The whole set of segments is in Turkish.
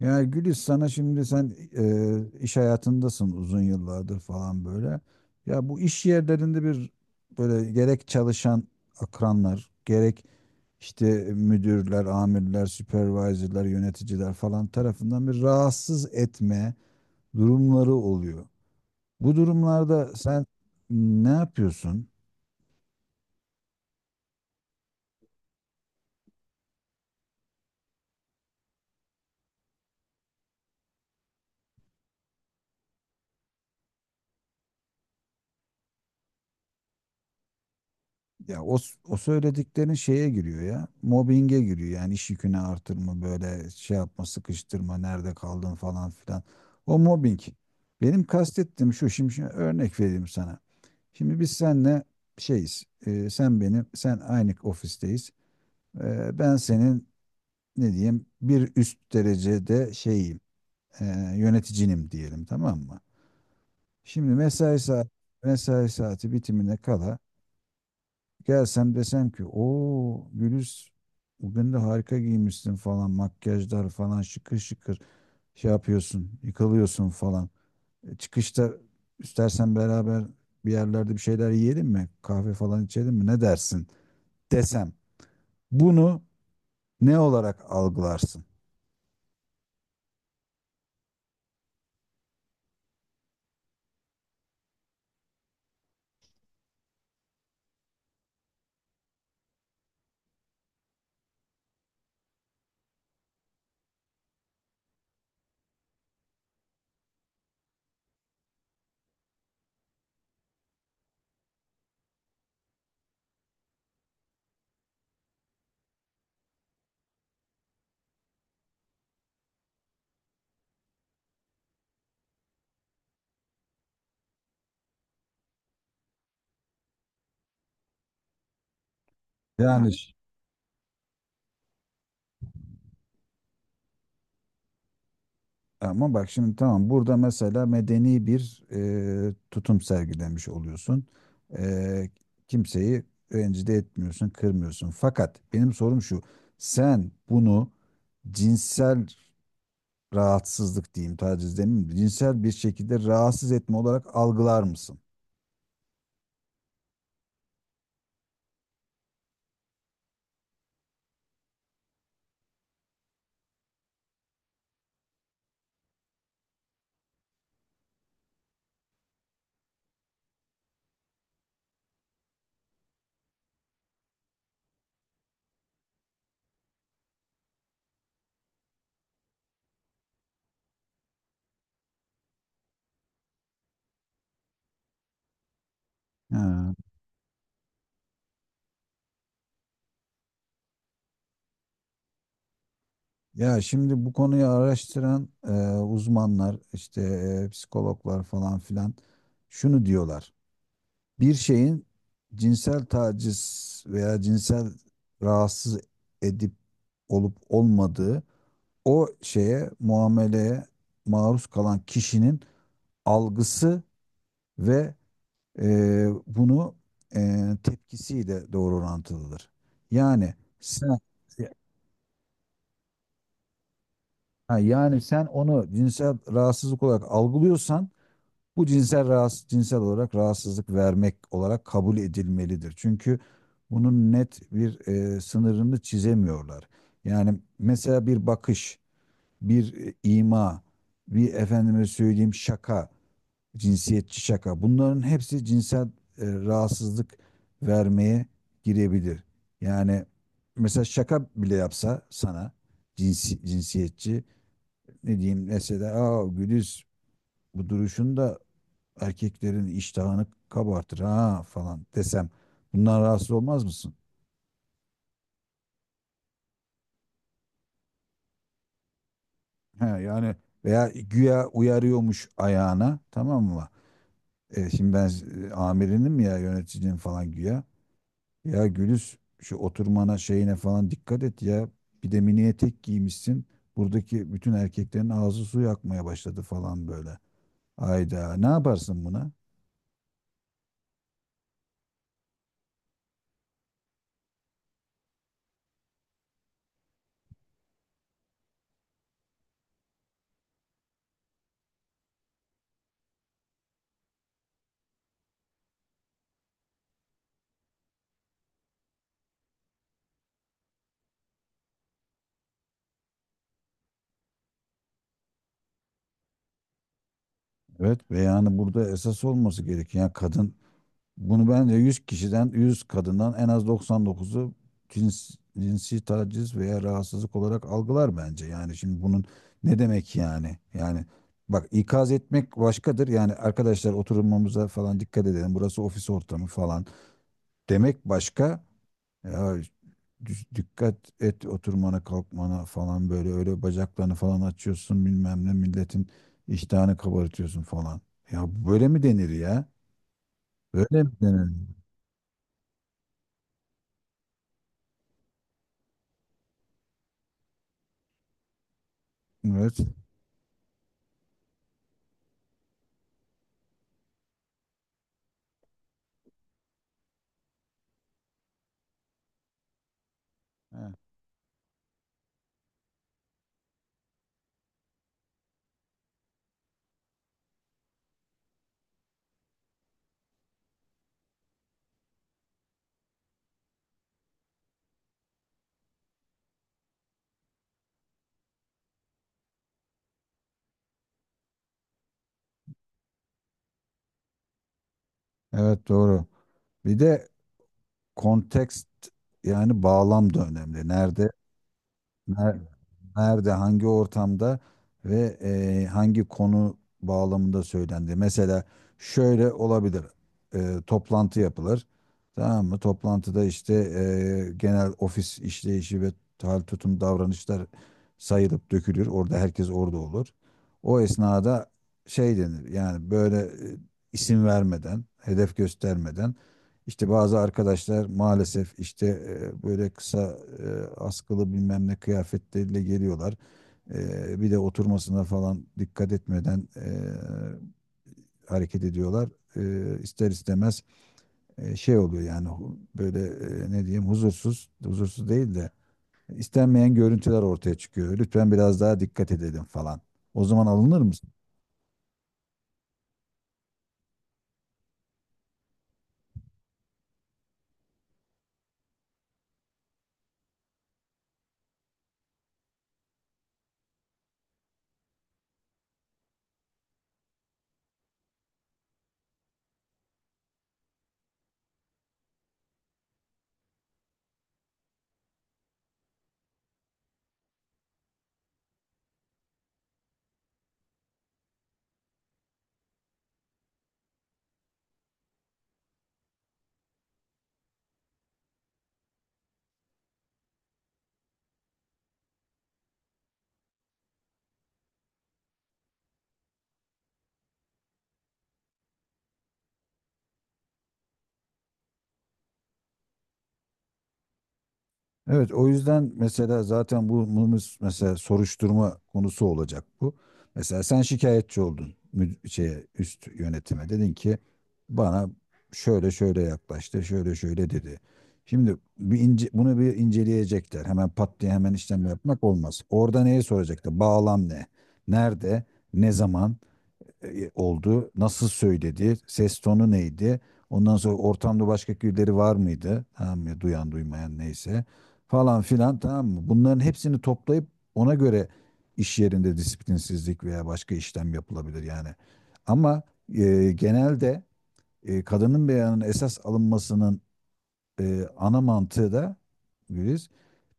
Ya Gülis, sana şimdi sen iş hayatındasın uzun yıllardır falan böyle. Ya bu iş yerlerinde bir böyle gerek çalışan akranlar, gerek işte müdürler, amirler, supervisorlar, yöneticiler falan tarafından bir rahatsız etme durumları oluyor. Bu durumlarda sen ne yapıyorsun? Ya o söylediklerin şeye giriyor ya. Mobbinge giriyor, yani iş yükünü artırma, böyle şey yapma, sıkıştırma, nerede kaldın falan filan. O mobbing. Benim kastettiğim şu şimdi örnek vereyim sana. Şimdi biz seninle şeyiz. Sen aynı ofisteyiz. Ben senin ne diyeyim, bir üst derecede şeyim, e, yöneticinim diyelim, tamam mı? Şimdi mesai saati bitimine kala gelsem, desem ki, "O Güliz, bugün de harika giymişsin falan, makyajlar falan, şıkır şıkır şey yapıyorsun, yıkılıyorsun falan. Çıkışta istersen beraber bir yerlerde bir şeyler yiyelim mi? Kahve falan içelim mi? Ne dersin?" Desem, bunu ne olarak algılarsın? Yani. Ama bak şimdi tamam, burada mesela medeni bir tutum sergilemiş oluyorsun. E, Kimseyi rencide etmiyorsun, kırmıyorsun. Fakat benim sorum şu. Sen bunu cinsel rahatsızlık diyeyim, taciz demeyeyim, cinsel bir şekilde rahatsız etme olarak algılar mısın? Ha. Ya şimdi bu konuyu araştıran uzmanlar, işte psikologlar falan filan şunu diyorlar: bir şeyin cinsel taciz veya cinsel rahatsız edip olup olmadığı, o şeye, muameleye maruz kalan kişinin algısı ve bunu tepkisiyle doğru orantılıdır. Yani sen ha, yani sen onu cinsel rahatsızlık olarak algılıyorsan, bu cinsel olarak rahatsızlık vermek olarak kabul edilmelidir. Çünkü bunun net bir sınırını çizemiyorlar. Yani mesela bir bakış, bir ima, bir efendime söyleyeyim şaka, cinsiyetçi şaka. Bunların hepsi cinsel rahatsızlık vermeye girebilir. Yani mesela şaka bile yapsa sana cinsiyetçi, ne diyeyim, mesela, "Aa Güliz, bu duruşunda erkeklerin iştahını kabartır ha" falan desem, bundan rahatsız olmaz mısın? He, yani veya güya uyarıyormuş ayağına, tamam mı? Şimdi ben, amirinim ya, yöneticim falan güya. "Ya Gülüz, şu oturmana, şeyine falan dikkat et ya. Bir de mini etek giymişsin. Buradaki bütün erkeklerin ağzı su yakmaya başladı falan böyle." Ayda ne yaparsın buna? Evet, ve yani burada esas olması gereken, yani kadın, bunu bence 100 kişiden, 100 kadından en az 99'u cins, cinsi taciz veya rahatsızlık olarak algılar bence. Yani şimdi bunun ne demek yani? Yani bak, ikaz etmek başkadır. Yani, "Arkadaşlar oturmamıza falan dikkat edelim. Burası ofis ortamı falan" demek başka. "Ya dikkat et oturmana kalkmana falan, böyle öyle bacaklarını falan açıyorsun, bilmem ne milletin iştahını kabartıyorsun falan." Ya böyle mi denir ya? Böyle mi denir? Evet. He, evet doğru. Bir de kontekst, yani bağlam da önemli. Nerede, ner- nerede, hangi ortamda ve hangi konu bağlamında söylendi. Mesela şöyle olabilir. Toplantı yapılır. Tamam mı? Toplantıda işte genel ofis işleyişi ve hal, tutum, davranışlar sayılıp dökülür. Orada herkes orada olur. O esnada şey denir. Yani böyle, e, isim vermeden, hedef göstermeden, "İşte bazı arkadaşlar maalesef işte böyle kısa, askılı bilmem ne kıyafetleriyle geliyorlar. Bir de oturmasına falan dikkat etmeden hareket ediyorlar. İster istemez şey oluyor, yani böyle, ne diyeyim, huzursuz, huzursuz değil de istenmeyen görüntüler ortaya çıkıyor. Lütfen biraz daha dikkat edelim" falan. O zaman alınır mı? Evet, o yüzden mesela zaten bu mesela soruşturma konusu olacak bu. Mesela sen şikayetçi oldun, şeye, üst yönetime dedin ki, "Bana şöyle şöyle yaklaştı, şöyle şöyle dedi." Şimdi bunu bir inceleyecekler. Hemen pat diye hemen işlem yapmak olmaz. Orada neye soracaklar? Bağlam ne? Nerede? Ne zaman oldu? Nasıl söyledi? Ses tonu neydi? Ondan sonra ortamda başka birileri var mıydı? Tamam mı? Duyan, duymayan neyse. Falan filan, tamam mı? Bunların hepsini toplayıp ona göre iş yerinde disiplinsizlik veya başka işlem yapılabilir yani. Ama genelde kadının beyanının esas alınmasının ana mantığı da, Güliz,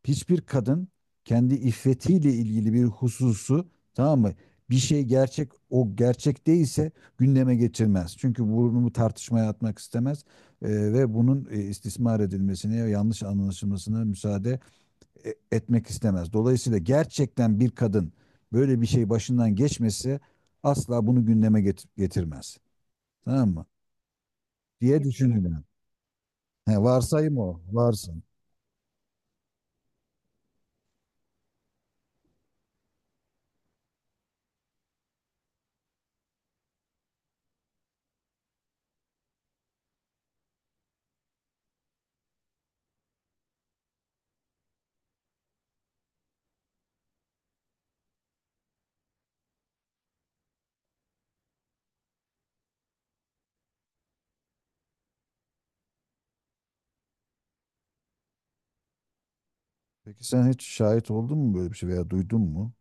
hiçbir kadın kendi iffetiyle ilgili bir hususu, tamam mı, bir şey gerçek, o gerçek değilse gündeme getirmez. Çünkü bunu tartışmaya atmak istemez ve bunun istismar edilmesine ya yanlış anlaşılmasına müsaade etmek istemez. Dolayısıyla gerçekten bir kadın böyle bir şey başından geçmesi asla bunu gündeme getirmez. Tamam mı? Diye düşünülen. He, varsayım o. Varsın. Peki sen hiç şahit oldun mu böyle bir şey, veya duydun mu?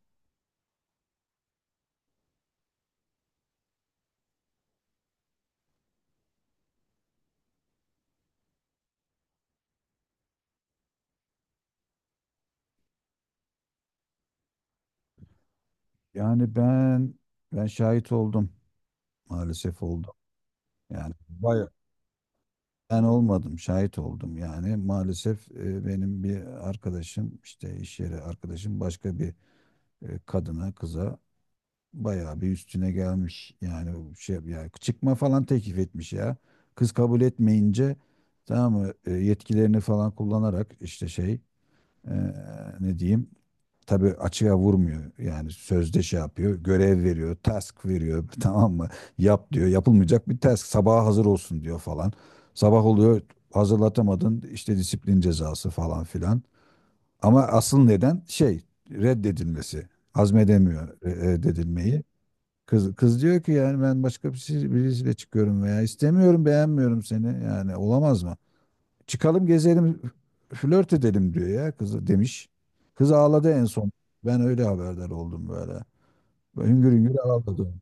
Yani ben şahit oldum. Maalesef oldum. Yani bayağı, ben olmadım, şahit oldum. Yani maalesef benim bir arkadaşım, işte iş yeri arkadaşım, başka bir kadına, kıza bayağı bir üstüne gelmiş. Yani şey, ya çıkma falan teklif etmiş ya. Kız kabul etmeyince, tamam mı, yetkilerini falan kullanarak, işte şey, e, ne diyeyim, tabii açığa vurmuyor. Yani sözde şey yapıyor. Görev veriyor. Task veriyor. Tamam mı? Yap diyor. Yapılmayacak bir task. Sabaha hazır olsun diyor falan. Sabah oluyor. Hazırlatamadın. İşte disiplin cezası falan filan. Ama asıl neden şey, reddedilmesi. Hazmedemiyor reddedilmeyi. Kız diyor ki, yani, "Ben başka birisiyle çıkıyorum veya istemiyorum, beğenmiyorum seni. Yani olamaz mı?" "Çıkalım gezelim, flört edelim" diyor ya kızı, demiş. Kız ağladı en son. Ben öyle haberdar oldum böyle. Böyle hüngür hüngür ağladım.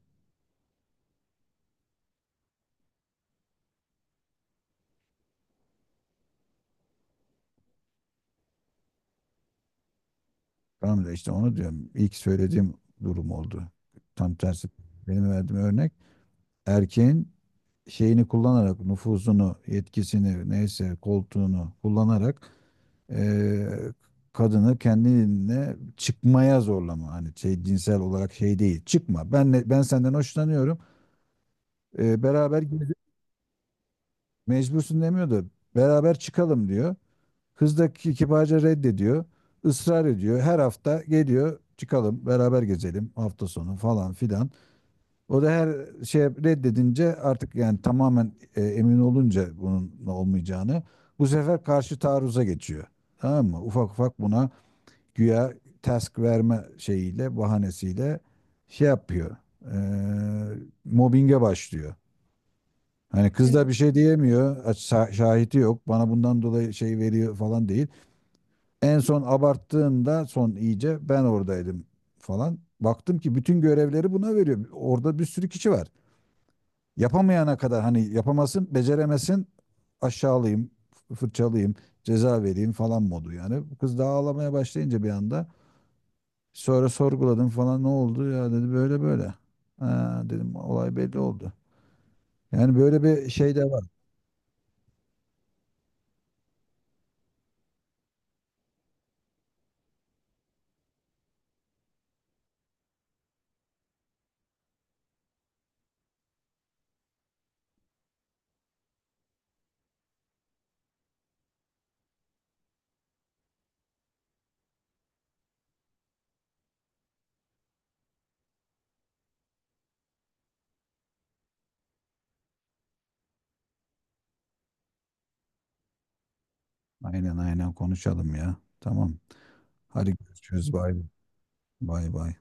Tamam da işte onu diyorum. İlk söylediğim durum oldu. Tam tersi benim verdiğim örnek. Erkeğin şeyini kullanarak, nüfuzunu, yetkisini neyse koltuğunu kullanarak, eee, kadını kendine çıkmaya zorlama. Hani şey, cinsel olarak şey değil. Çıkma. Ben senden hoşlanıyorum. Beraber gezelim." Mecbursun demiyor da, beraber çıkalım diyor. Kız da kibarca reddediyor. Israr ediyor. Her hafta geliyor, "Çıkalım beraber gezelim hafta sonu" falan filan. O da her şey reddedince, artık yani tamamen emin olunca bunun olmayacağını, bu sefer karşı taarruza geçiyor. Tamam mı? Ufak ufak buna güya task verme şeyiyle, bahanesiyle şey yapıyor. E, Mobbinge başlıyor. Hani kız da bir şey diyemiyor. Şahidi yok. Bana bundan dolayı şey veriyor falan değil. En son abarttığında, son iyice ben oradaydım falan. Baktım ki bütün görevleri buna veriyor. Orada bir sürü kişi var. Yapamayana kadar, hani yapamasın, beceremesin, aşağılayayım, fırçalayayım, ceza vereyim falan modu yani. Kız da ağlamaya başlayınca bir anda, sonra sorguladım falan, "Ne oldu ya?" dedi, "Böyle böyle." Ha, dedim, olay belli oldu. Yani böyle bir şey de var. Aynen aynen konuşalım ya. Tamam. Hadi görüşürüz. Bay bay. Bay bay.